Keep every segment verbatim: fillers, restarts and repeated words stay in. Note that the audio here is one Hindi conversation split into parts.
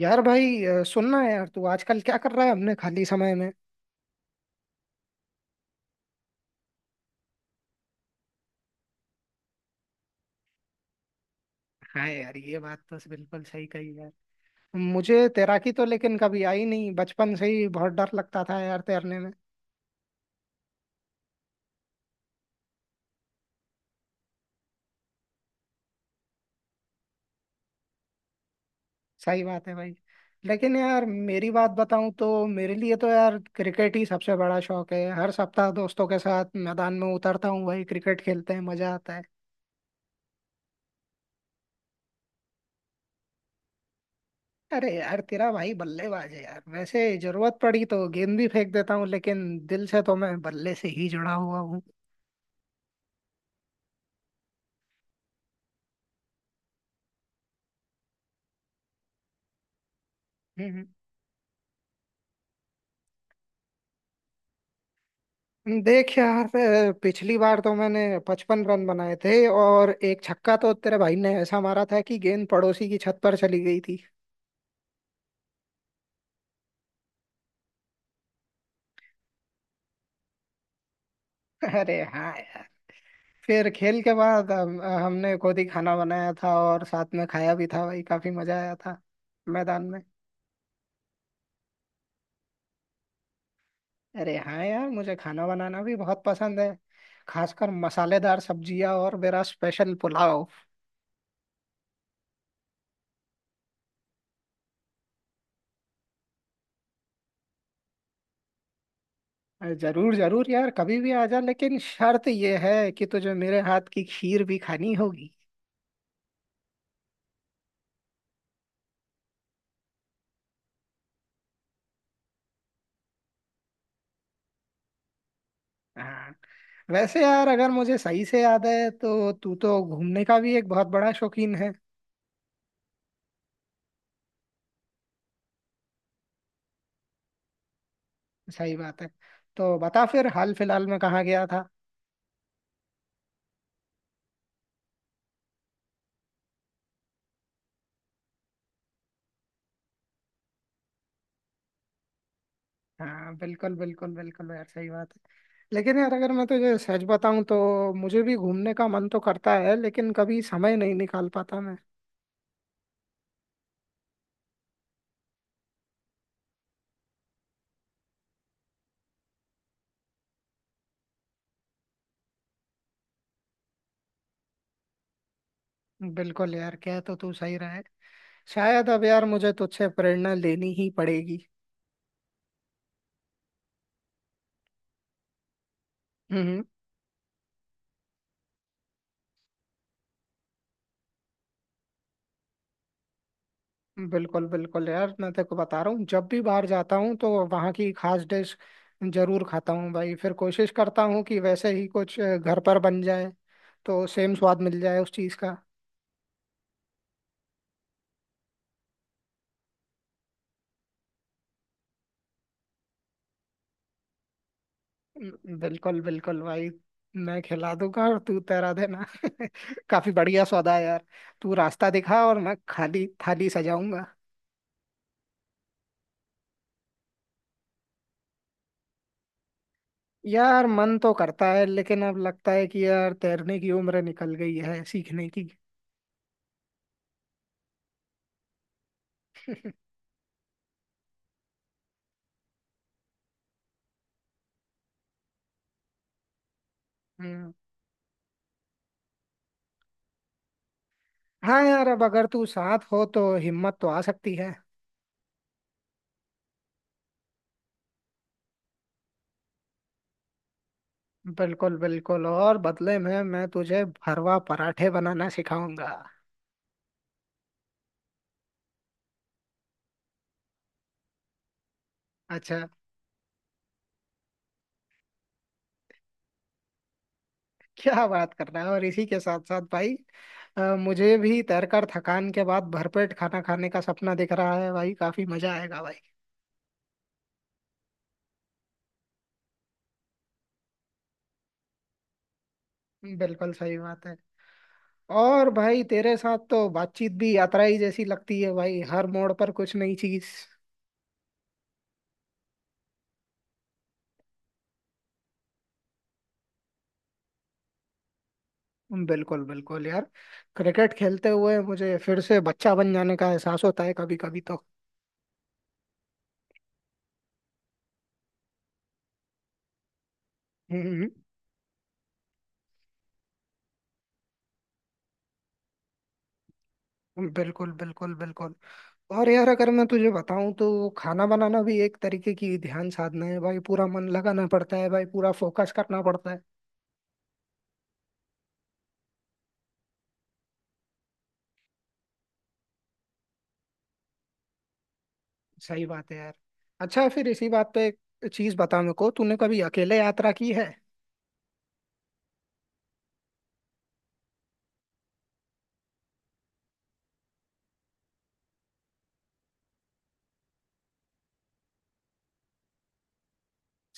यार भाई अ, सुनना है यार, तू आजकल क्या कर रहा है अपने खाली समय में। हाँ यार, ये बात तो बिल्कुल सही कही यार। मुझे तैराकी तो लेकिन कभी आई नहीं, बचपन से ही बहुत डर लगता था यार तैरने में। सही बात है भाई। लेकिन यार मेरी बात बताऊं तो मेरे लिए तो यार क्रिकेट ही सबसे बड़ा शौक है। हर सप्ताह दोस्तों के साथ मैदान में उतरता हूँ भाई, क्रिकेट खेलते हैं, मजा आता है। अरे यार, तेरा भाई बल्लेबाज है यार। वैसे जरूरत पड़ी तो गेंद भी फेंक देता हूँ, लेकिन दिल से तो मैं बल्ले से ही जुड़ा हुआ हूँ। देख यार, अ, पिछली बार तो मैंने पचपन रन बनाए थे, और एक छक्का तो तेरे भाई ने ऐसा मारा था कि गेंद पड़ोसी की छत पर चली गई थी। अरे हाँ यार। फिर खेल के बाद हम, हमने खुद ही खाना बनाया था और साथ में खाया भी था भाई। काफी मजा आया था मैदान में। अरे हाँ यार, मुझे खाना बनाना भी बहुत पसंद है। खासकर मसालेदार सब्जियां और मेरा स्पेशल पुलाव। अरे जरूर जरूर यार, कभी भी आ जा, लेकिन शर्त ये है कि तुझे मेरे हाथ की खीर भी खानी होगी। हाँ। वैसे यार, अगर मुझे सही से याद है तो तू तो घूमने का भी एक बहुत बड़ा शौकीन है। सही बात है। तो बता फिर हाल फिलहाल में कहाँ गया था? हाँ बिल्कुल बिल्कुल बिल्कुल यार, सही बात है। लेकिन यार अगर मैं तुझे सच बताऊं तो मुझे भी घूमने का मन तो करता है, लेकिन कभी समय नहीं निकाल पाता मैं। बिल्कुल यार, कह तो तू सही रहा है। शायद अब यार मुझे तुझसे प्रेरणा लेनी ही पड़ेगी। हम्म। बिल्कुल बिल्कुल यार, मैं तेरे को बता रहा हूँ, जब भी बाहर जाता हूँ तो वहाँ की खास डिश जरूर खाता हूँ भाई। फिर कोशिश करता हूँ कि वैसे ही कुछ अ, घर पर बन जाए, तो सेम स्वाद मिल जाए उस चीज़ का। हम्म। बिल्कुल बिल्कुल भाई। मैं खिला दूंगा और तू तैरा देना। काफी बढ़िया सौदा है यार। तू रास्ता दिखा और मैं खाली थाली सजाऊंगा। यार मन तो करता है, लेकिन अब लगता है कि यार तैरने की उम्र निकल गई है सीखने की। हम्म। हाँ यार, अब अगर तू साथ हो तो हिम्मत तो आ सकती है। बिल्कुल बिल्कुल, और बदले में मैं तुझे भरवा पराठे बनाना सिखाऊंगा। अच्छा। क्या बात कर रहा है! और इसी के साथ साथ भाई, अ, मुझे भी तैरकर थकान के बाद भरपेट खाना खाने का सपना दिख रहा है भाई। काफी मजा आएगा भाई। बिल्कुल सही बात है। और भाई तेरे साथ तो बातचीत भी यात्रा ही जैसी लगती है भाई, हर मोड़ पर कुछ नई चीज। बिल्कुल बिल्कुल यार। क्रिकेट खेलते हुए मुझे फिर से बच्चा बन जाने का एहसास होता है कभी कभी तो। हम्म। बिल्कुल बिल्कुल बिल्कुल। और यार अगर मैं तुझे बताऊं तो खाना बनाना भी एक तरीके की ध्यान साधना है भाई। पूरा मन लगाना पड़ता है भाई, पूरा फोकस करना पड़ता है। सही बात है यार। अच्छा, फिर इसी बात पे एक चीज बता मेरे को, तूने कभी अकेले यात्रा की है?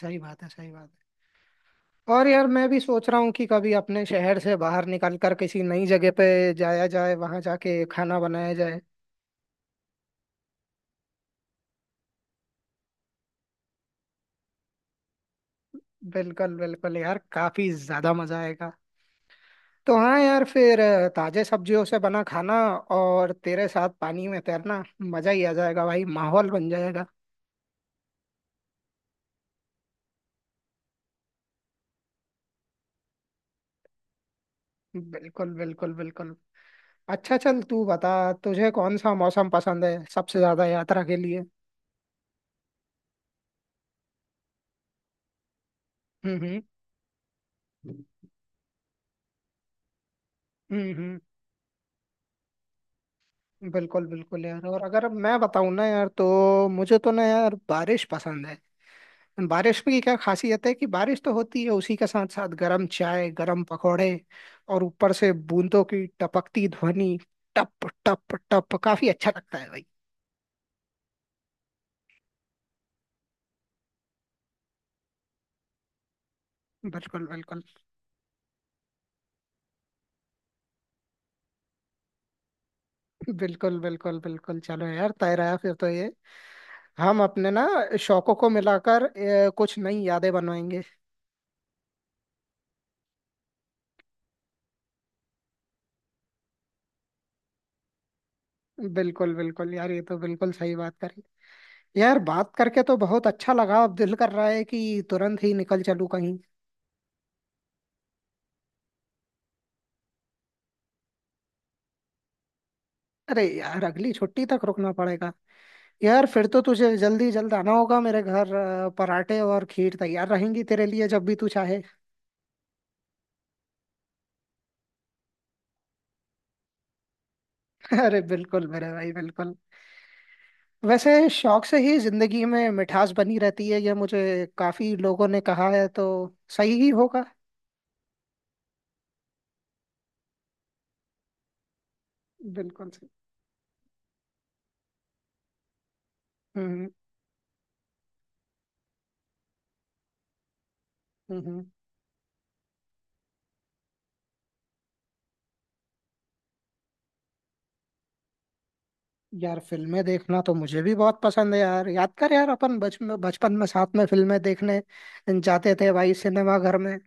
सही बात है, सही बात है। और यार मैं भी सोच रहा हूँ कि कभी अपने शहर से बाहर निकल कर किसी नई जगह पे जाया जाए, वहां जाके खाना बनाया जाए। बिल्कुल बिल्कुल यार, काफी ज्यादा मजा आएगा। तो हाँ यार, फिर अ, ताजे सब्जियों से बना खाना और तेरे साथ पानी में तैरना, मजा ही आ जाएगा भाई, माहौल बन जाएगा। बिल्कुल बिल्कुल बिल्कुल। अच्छा, चल तू बता, तुझे कौन सा मौसम पसंद है सबसे ज्यादा यात्रा के लिए? हम्म। हम्म। हम्म। हम्म। बिल्कुल बिल्कुल यार, और अगर मैं बताऊँ ना यार, तो मुझे तो ना यार, बारिश पसंद है। बारिश में की क्या खासियत है कि बारिश तो होती है, उसी के साथ साथ गरम चाय, गरम पकौड़े, और ऊपर से बूंदों की टपकती ध्वनि। टप टप टप, काफी अच्छा लगता है भाई। बिल्कुल बिल्कुल। बिल्कुल बिल्कुल बिल्कुल, चलो यार, तय रहा फिर तो ये। हम अपने ना शौकों को मिलाकर अ, कुछ नई यादें बनवाएंगे। बिल्कुल बिल्कुल यार, ये तो बिल्कुल सही बात करी। यार बात करके तो बहुत अच्छा लगा, अब दिल कर रहा है कि तुरंत ही निकल चलूं कहीं। अरे यार, अगली छुट्टी तक रुकना पड़ेगा। यार फिर तो तुझे जल्दी जल्द आना होगा मेरे घर, अ, पराठे और खीर तैयार रहेंगी तेरे लिए जब भी तू चाहे। अरे बिल्कुल मेरे भाई, बिल्कुल। वैसे शौक से ही जिंदगी में मिठास बनी रहती है, यह मुझे काफी लोगों ने कहा है, तो सही ही होगा। बिल्कुल सही। हम्म। हम्म। हम्म। यार फिल्में देखना तो मुझे भी बहुत पसंद है यार। याद कर यार, अपन बचपन बचपन में साथ में फिल्में देखने जाते थे भाई, सिनेमा घर में।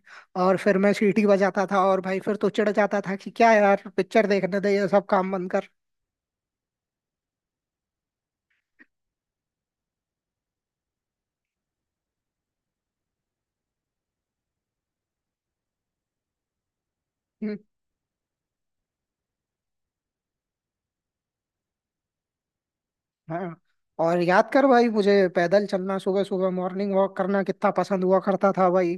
और फिर मैं सीटी बजाता था, और भाई फिर तू चिढ़ जाता था कि क्या यार, पिक्चर देखने दे, ये सब काम बंद कर। हम्म। हाँ, और याद कर भाई, मुझे पैदल चलना, सुबह सुबह मॉर्निंग वॉक करना कितना पसंद हुआ करता था भाई।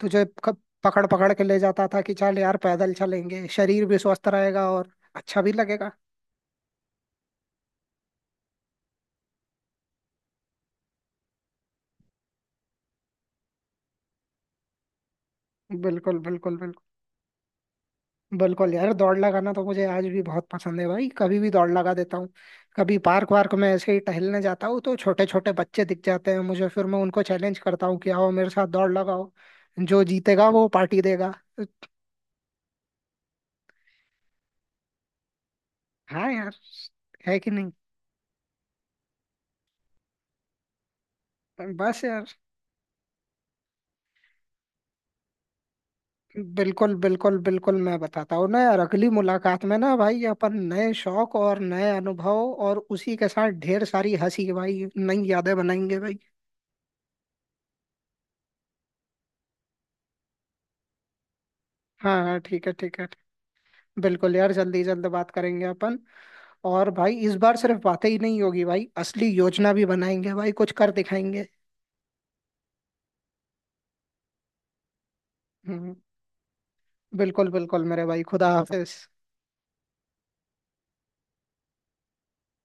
तुझे क- पकड़ पकड़ के ले जाता था कि चल यार पैदल चलेंगे, शरीर भी स्वस्थ रहेगा और अच्छा भी लगेगा। बिल्कुल बिल्कुल बिल्कुल। बिल्कुल यार, दौड़ लगाना तो मुझे आज भी बहुत पसंद है भाई, कभी भी दौड़ लगा देता हूँ। कभी पार्क वार्क में ऐसे ही टहलने जाता हूँ तो छोटे छोटे बच्चे दिख जाते हैं मुझे, फिर मैं उनको चैलेंज करता हूँ कि आओ मेरे साथ दौड़ लगाओ, जो जीतेगा वो पार्टी देगा। तो हाँ यार, है कि नहीं? बस यार। बिल्कुल बिल्कुल बिल्कुल, मैं बताता हूँ ना यार, अगली मुलाकात में ना भाई, अपन नए शौक और नए अनुभव और उसी के साथ ढेर सारी हंसी भाई, नई यादें बनाएंगे भाई। हाँ हाँ, ठीक है ठीक है। बिल्कुल यार, जल्दी जल्द बात करेंगे अपन। और भाई इस बार सिर्फ बातें ही नहीं होगी भाई, असली योजना भी बनाएंगे भाई, कुछ कर दिखाएंगे। हम्म। बिल्कुल बिल्कुल मेरे भाई, खुदा हाफिज।